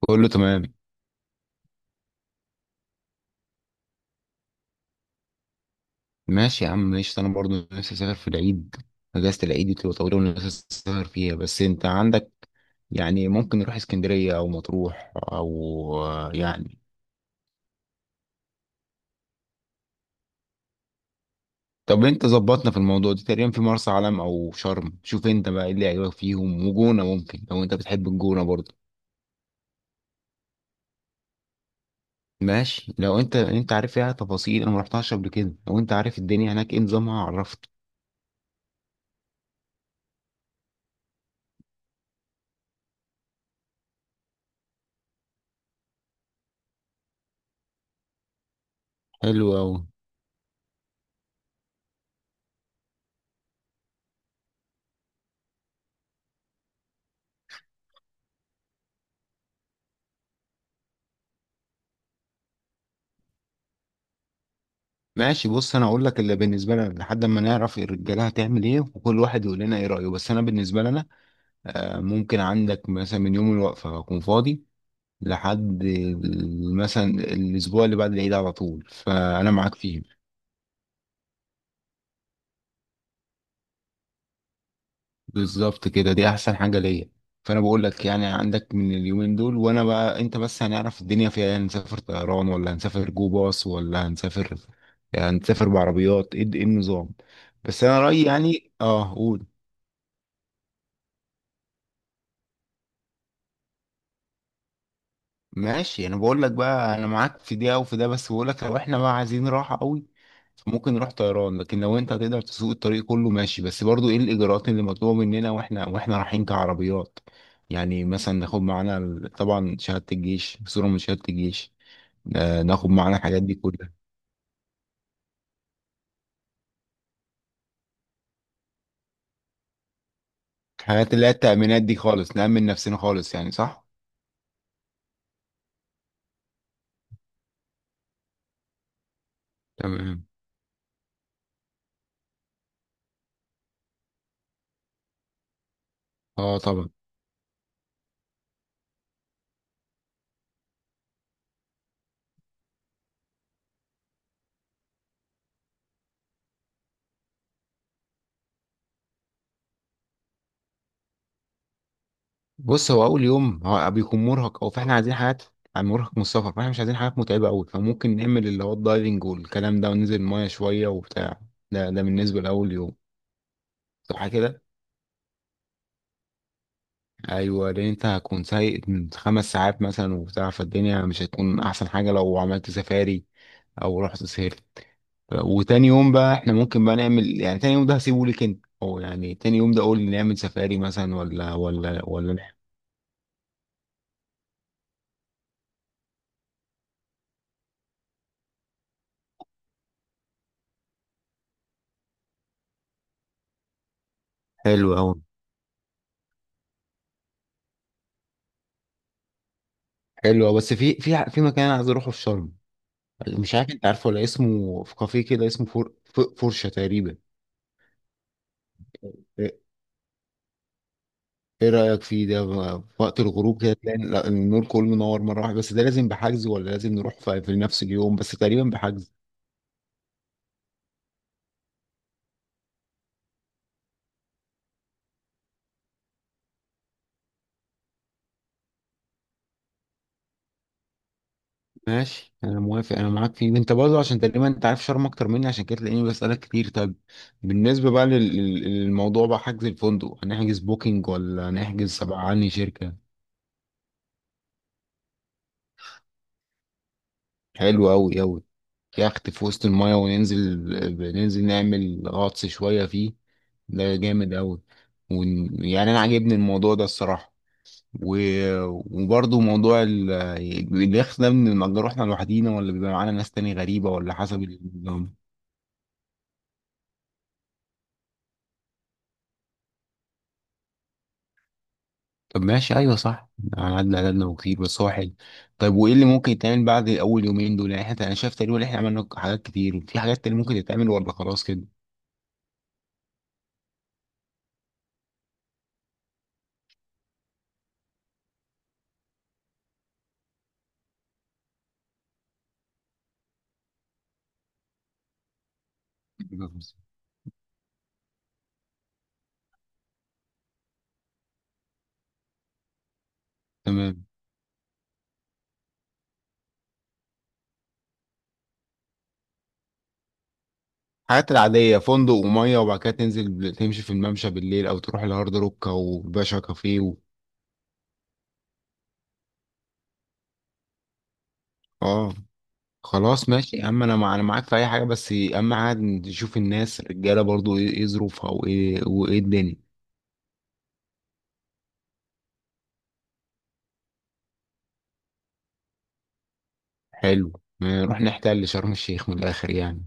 كله تمام. ماشي يا عم، ماشي، انا برضو نفسي اسافر في العيد. اجازة العيد دي بتبقى طويلة ونفسي اسافر فيها، بس انت عندك. يعني ممكن نروح اسكندرية او مطروح او. يعني طب انت ظبطنا في الموضوع دي تقريبا في مرسى علم او شرم. شوف انت بقى ايه اللي عجبك فيهم، وجونة ممكن لو انت بتحب الجونة برضو. ماشي، لو انت عارف فيها تفاصيل. انا ما رحتهاش قبل كده، لو انت عارف الدنيا هناك ايه نظامها، عرفت. حلو اوي. ماشي، بص انا اقول لك اللي بالنسبه لنا لحد ما نعرف الرجاله هتعمل ايه، وكل واحد يقول لنا ايه رايه، بس انا بالنسبه لنا. آه، ممكن عندك مثلا من يوم الوقفه هكون فاضي لحد مثلا الاسبوع اللي بعد العيد على طول، فانا معاك فيه. بالظبط كده، دي احسن حاجه ليا. فانا بقول لك يعني عندك من اليومين دول وانا بقى انت بس هنعرف الدنيا فيها إيه، هنسافر طيران ولا هنسافر جو باص، ولا هنسافر؟ يعني هنسافر بعربيات ايه، إيه النظام؟ بس انا رايي يعني، قول. ماشي، انا بقول لك بقى، انا معاك في دي او في ده، بس بقول لك لو احنا بقى عايزين راحه قوي. فممكن نروح طيران، لكن لو انت هتقدر تسوق الطريق كله ماشي، بس برضو ايه الاجراءات اللي مطلوبه مننا واحنا رايحين كعربيات؟ يعني مثلا ناخد معانا طبعا شهاده الجيش، صوره من شهاده الجيش. آه، ناخد معانا الحاجات دي كلها. الحاجات اللي هي التأمينات دي خالص، نأمن نفسنا خالص، يعني صح؟ تمام. اه طبعا. بص، هو اول يوم هو بيكون مرهق، او فاحنا عايزين حاجات. مرهق من السفر، فاحنا مش عايزين حاجات متعبه قوي، فممكن نعمل اللي هو الدايفنج والكلام ده وننزل المايه شويه وبتاع. ده بالنسبه لاول يوم. صح كده. ايوه، لان انت هتكون سايق من 5 ساعات مثلا وبتاع، فالدنيا مش هتكون احسن حاجه لو عملت سفاري. او رحت سهرت. وتاني يوم بقى احنا ممكن بقى نعمل، يعني تاني يوم ده هسيبه لك انت، او يعني تاني يوم ده قول نعمل سفاري مثلا ولا. حلو قوي. حلو أوي. بس في مكان عايز اروحه في شرم. مش عارف انت عارفه، ولا اسمه في كافيه كده اسمه فور فرشة تقريبا. ايه. إيه رأيك فيه ده بقى؟ في وقت الغروب كده تلاقي النور كله منور مرة واحدة. بس ده لازم بحجز، ولا لازم نروح في نفس اليوم؟ بس تقريبا بحجز. ماشي انا موافق، انا معاك فيه. انت برضه عشان تقريبا انت عارف شرم اكتر مني، عشان كده تلاقيني بسألك كتير. طيب، بالنسبة بقى للموضوع، بقى حجز الفندق هنحجز بوكينج ولا هنحجز تبع عني شركة؟ حلو أوي أوي. يخت في وسط المايه وننزل. ننزل نعمل غطس شوية فيه. ده جامد أوي. يعني أنا عاجبني الموضوع ده الصراحة. و... وبرضه موضوع اليخت ده بنأجره احنا لوحدينا، ولا بيبقى معانا ناس تاني غريبة، ولا حسب النظام؟ طب ماشي، أيوه صح. أنا عدى عددنا وكتير، بس هو حلو. طيب، وإيه اللي ممكن يتعمل بعد أول يومين دول؟ يعني احنا، أنا شايف تقريبا إن إحنا عملنا حاجات كتير. في حاجات تاني ممكن تتعمل، ولا خلاص كده؟ بالظبط. تمام. الحاجات العادية فندق ومية، وبعد كده تنزل تمشي في الممشى بالليل، أو تروح الهارد روك أو باشا كافيه آه. خلاص ماشي يا عم، أنا معاك في أي حاجة. بس أهم حاجة نشوف الناس الرجالة برضو إيه ظروفها، وإيه الدنيا. حلو. نروح نحتل شرم الشيخ من الآخر يعني.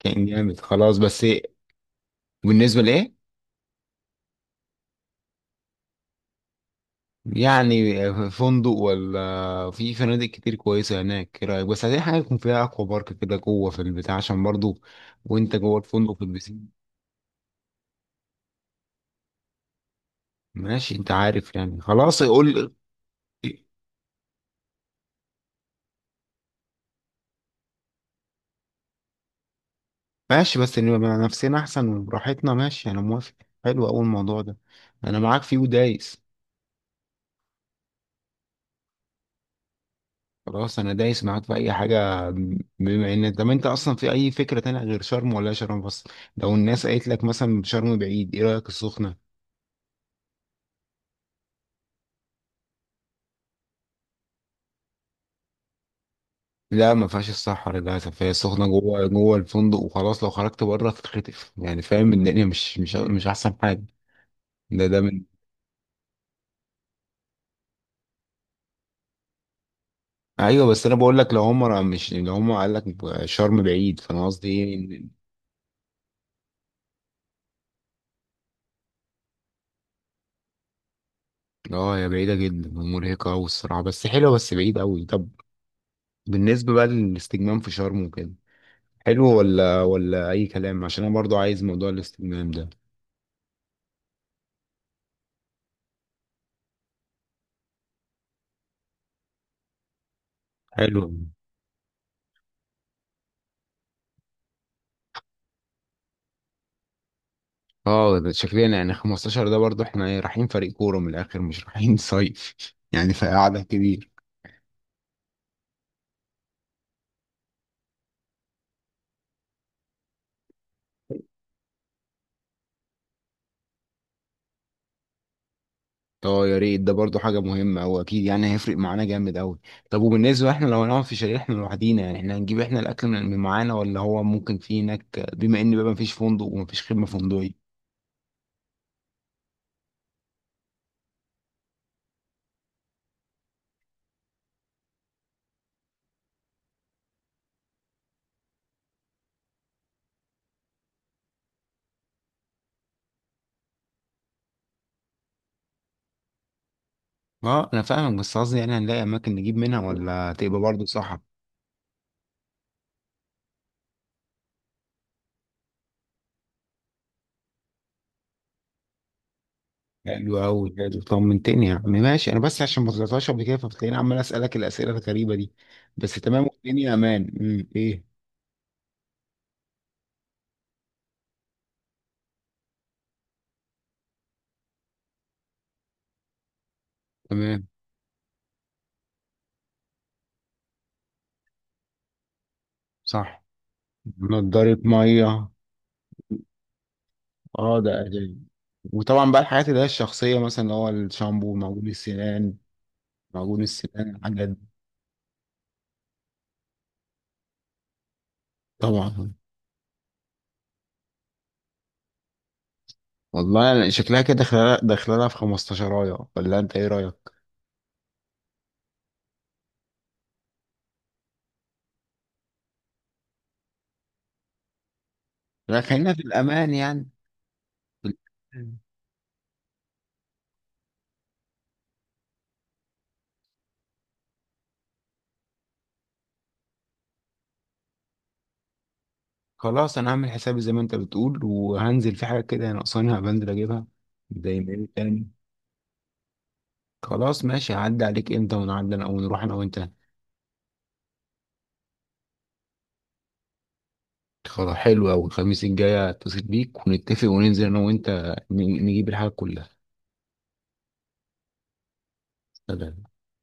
كان جامد خلاص، بس إيه؟ بالنسبة لإيه؟ يعني فندق، ولا في فنادق كتير كويسة هناك؟ إيه رأيك؟ بس عايزين حاجة يكون فيها أكوا بارك كده جوه في البتاع، عشان برضو. وانت جوه الفندق في البسين. ماشي، انت عارف يعني، خلاص قول. ماشي، بس نبقى مع نفسنا احسن وبراحتنا، ماشي انا موافق. حلو، اول الموضوع ده. انا معاك فيه ودايس. خلاص انا دايس معاك في اي حاجه. بما ان، طب انت اصلا في اي فكره تانية غير شرم، ولا شرم بس؟ لو الناس قالت لك مثلا شرم بعيد، ايه رايك السخنه؟ لا، ما فيهاش الصحراء للاسف. هي السخنه جوه جوه الفندق وخلاص. لو خرجت بره تتخطف، يعني فاهم؟ الدنيا مش احسن حاجه. ده. ايوه، بس انا بقول لك لو هم مش لو هم قال لك شرم بعيد، فانا قصدي ايه اه، هي بعيده جدا ومرهقه قوي الصراحه، بس حلوه، بس بعيد قوي. طب، بالنسبه بقى للاستجمام في شرم وكده، حلو ولا اي كلام؟ عشان انا برضو عايز موضوع الاستجمام ده. حلو. اه، ده شكلنا يعني 15، ده برضو احنا إيه، رايحين فريق كوره من الاخر مش رايحين صيف يعني، فقعده كده. اه يا ريت، ده برضو حاجة مهمة. هو أكيد يعني هيفرق معانا جامد أوي. طب، وبالنسبة احنا لو هنقعد في شاليه احنا لوحدينا، يعني احنا هنجيب احنا الأكل من معانا، ولا هو ممكن في هناك، بما إن بقى مفيش فندق ومفيش خدمة فندقية؟ اه، أنا فاهمك، بس قصدي يعني هنلاقي أماكن نجيب منها، ولا تبقى برضو صح؟ حلو أوي، حلو، طمنتني يا عم. ماشي، أنا بس عشان ما طلعتهاش قبل كده فبتلاقيني عمال أسألك الأسئلة الغريبة دي. بس تمام، والدنيا أمان، إيه. تمام. صح. نضارة مية. اه، ده أساسي. وطبعا بقى الحاجات اللي هي الشخصية، مثلا اللي هو الشامبو، معجون السنان. معجون السنان، حاجات دي. طبعا. والله أنا شكلها كده داخلة داخلة في 15. ولا انت ايه رأيك؟ لا، خلينا في الأمان يعني. في الأمان. خلاص انا هعمل حسابي زي ما انت بتقول، وهنزل في حاجة كده ناقصاني هبنزل اجيبها. زي ما قلت تاني. خلاص ماشي، هعدي عليك امتى ونعدي انا ونروح انا وانت. خلاص حلو اوي، الخميس الجاي هتصل بيك ونتفق وننزل انا وانت. نجيب الحاجة كلها. سلام.